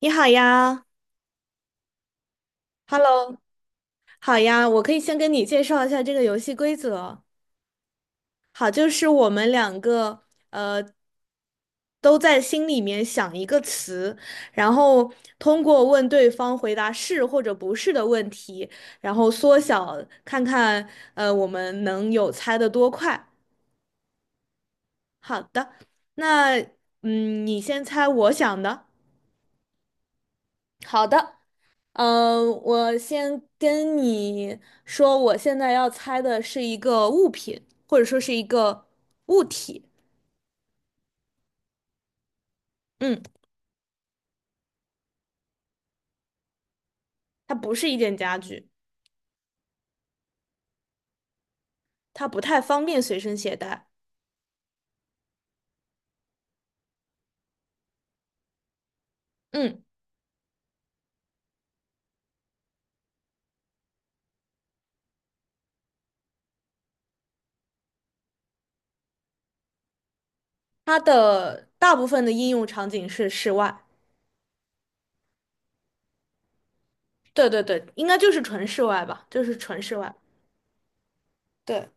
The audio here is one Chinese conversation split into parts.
你好呀，Hello，好呀，我可以先跟你介绍一下这个游戏规则。好，就是我们两个呃都在心里面想一个词，然后通过问对方回答是或者不是的问题，然后缩小看看我们能有猜的多快。好的，那嗯，你先猜我想的。好的。我先跟你说，我现在要猜的是一个物品，或者说是一个物体。嗯，它不是一件家具，它不太方便随身携带。嗯，它的大部分的应用场景是室外。对对对，应该就是纯室外吧，就是纯室外。对，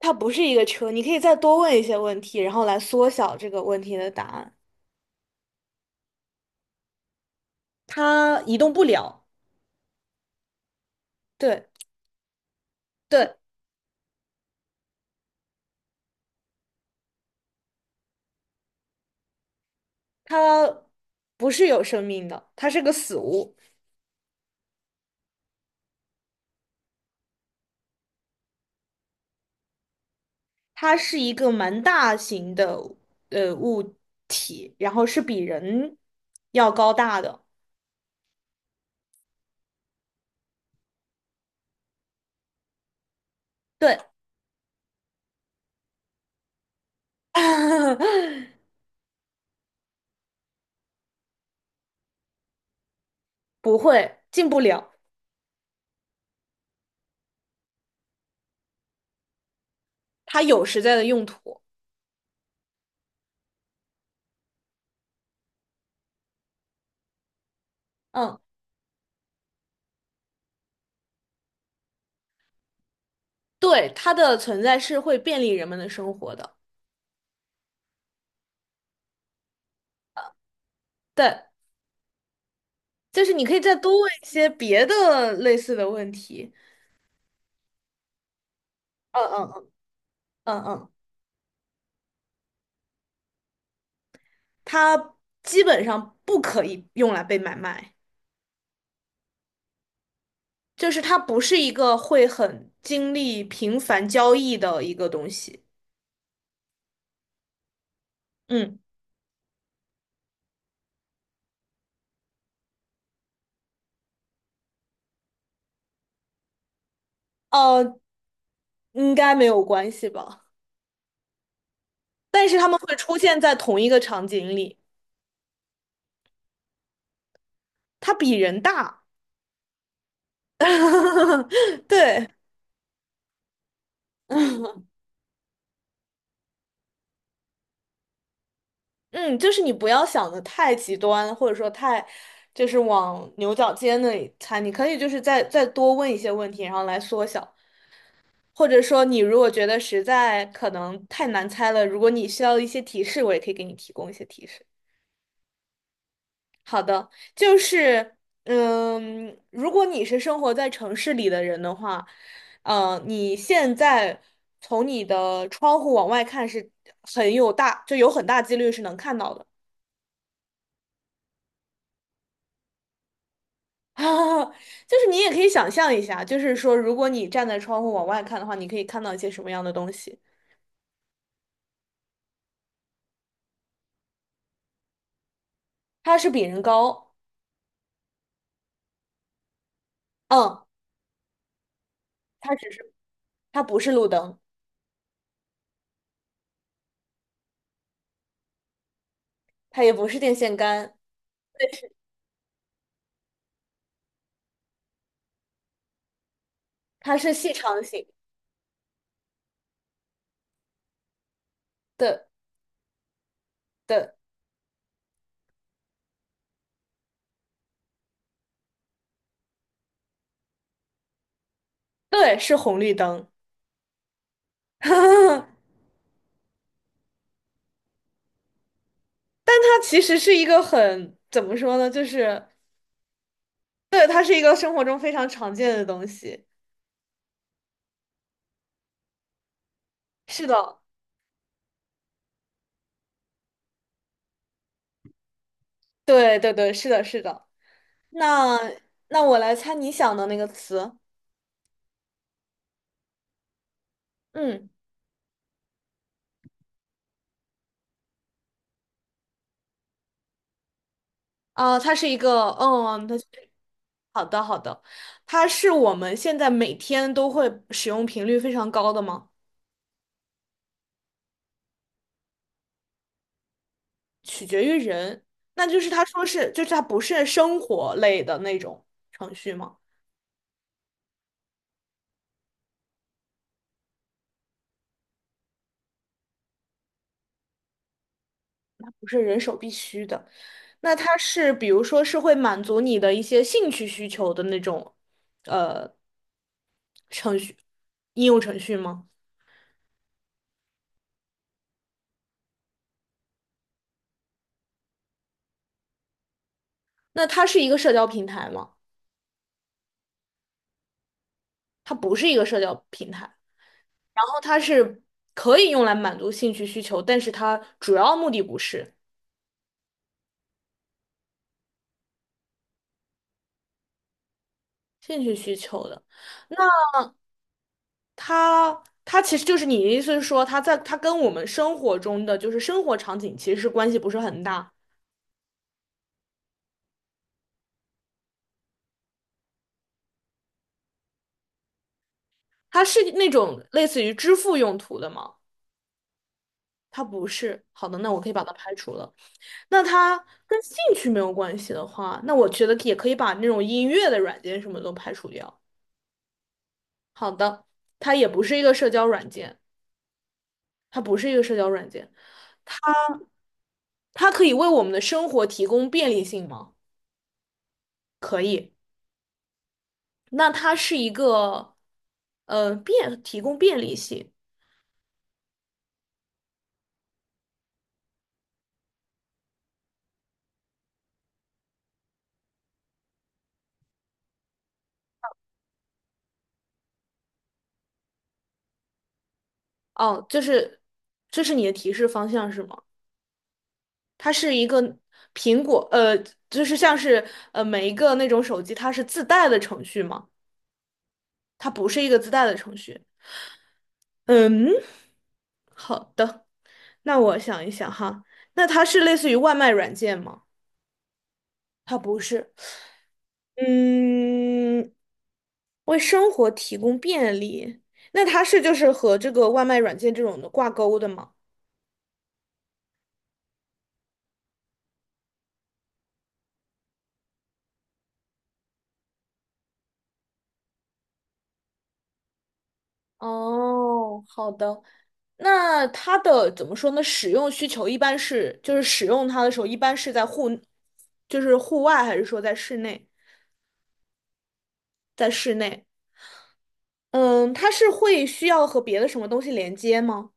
它不是一个车，你可以再多问一些问题，然后来缩小这个问题的答案。它移动不了。对。对，它不是有生命的，它是个死物，它是一个蛮大型的物体，然后是比人要高大的。对，不会，进不了，它有实在的用途。嗯，对，它的存在是会便利人们的生活的。对，就是你可以再多问一些别的类似的问题。嗯嗯嗯，嗯嗯，它基本上不可以用来被买卖。就是它不是一个会很经历频繁交易的一个东西。嗯，呃，应该没有关系吧？但是他们会出现在同一个场景里，它比人大。对，嗯，就是你不要想的太极端，或者说太，就是往牛角尖那里猜。你可以就是再多问一些问题，然后来缩小。或者说，你如果觉得实在可能太难猜了，如果你需要一些提示，我也可以给你提供一些提示。好的，就是，嗯，如果你是生活在城市里的人的话，你现在从你的窗户往外看是很有大，就有很大几率是能看到的。就是你也可以想象一下，就是说，如果你站在窗户往外看的话，你可以看到一些什么样的东西？它是比人高，嗯，它只是，它不是路灯，它也不是电线杆，它是细长型的的，对，是红绿灯。但它其实是一个很，怎么说呢？就是，对，它是一个生活中非常常见的东西。是的，对对对，是的，是的。那那我来猜你想的那个词。嗯，啊、它是一个，嗯，它是好的好的，它是我们现在每天都会使用频率非常高的吗？取决于人。那就是他说是，就是它不是生活类的那种程序吗？不是人手必须的。那它是比如说是会满足你的一些兴趣需求的那种呃程序应用程序吗？那它是一个社交平台吗？它不是一个社交平台，然后它是可以用来满足兴趣需求，但是它主要目的不是兴趣需求的。那它其实就是你的意思是说，它在它跟我们生活中的就是生活场景其实是关系不是很大，它是那种类似于支付用途的吗？它不是。好的，那我可以把它排除了。那它跟兴趣没有关系的话，那我觉得也可以把那种音乐的软件什么都排除掉。好的，它也不是一个社交软件，它不是一个社交软件，它它可以为我们的生活提供便利性吗？可以。那它是一个，便提供便利性。哦，就是这是你的提示方向是吗？它是一个苹果，呃，就是像是每一个那种手机，它是自带的程序吗？它不是一个自带的程序。嗯，好的，那我想一想哈，那它是类似于外卖软件吗？它不是。嗯，为生活提供便利，那它是就是和这个外卖软件这种的挂钩的吗？哦，好的。那它的怎么说呢？使用需求一般是，就是使用它的时候，一般是在户，就是户外，还是说在室内？在室内，嗯，它是会需要和别的什么东西连接吗？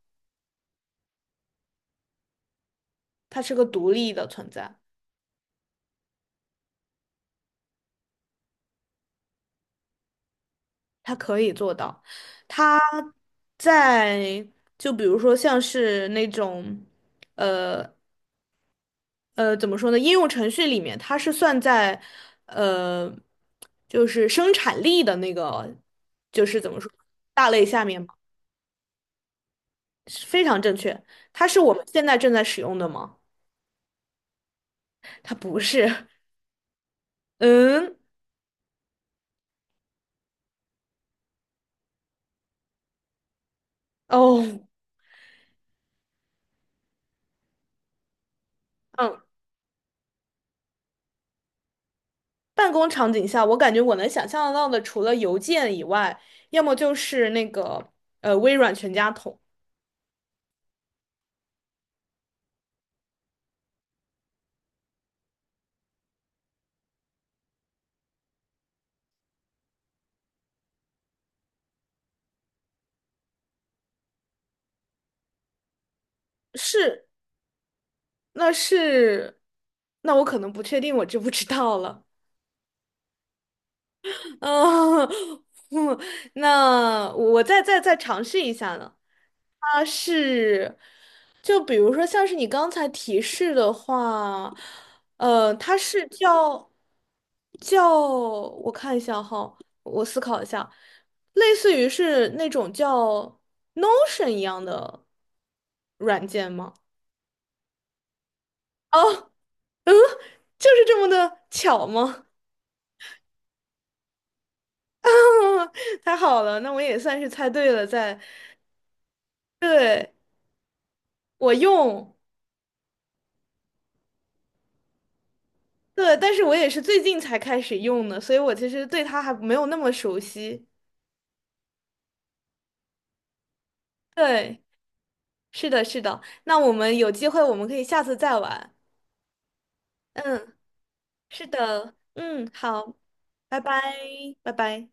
它是个独立的存在，它可以做到。它在，就比如说像是那种，呃怎么说呢？应用程序里面它是算在，呃，就是生产力的那个，就是怎么说，大类下面嘛，是非常正确。它是我们现在正在使用的吗？它不是。嗯，哦，嗯，办公场景下，我感觉我能想象得到的，除了邮件以外，要么就是那个微软全家桶，是，那是，那我可能不确定，我知不知道了。嗯，那我再再尝试一下呢。它是，就比如说像是你刚才提示的话，它是叫叫，我看一下哈，我思考一下，类似于是那种叫 Notion 一样的软件吗？哦，嗯，就是这么的巧吗？太好了，那我也算是猜对了，在对。我用，对，但是我也是最近才开始用的，所以我其实对它还没有那么熟悉。对，是的，是的。那我们有机会，我们可以下次再玩。嗯，是的，嗯，好，拜拜，拜拜。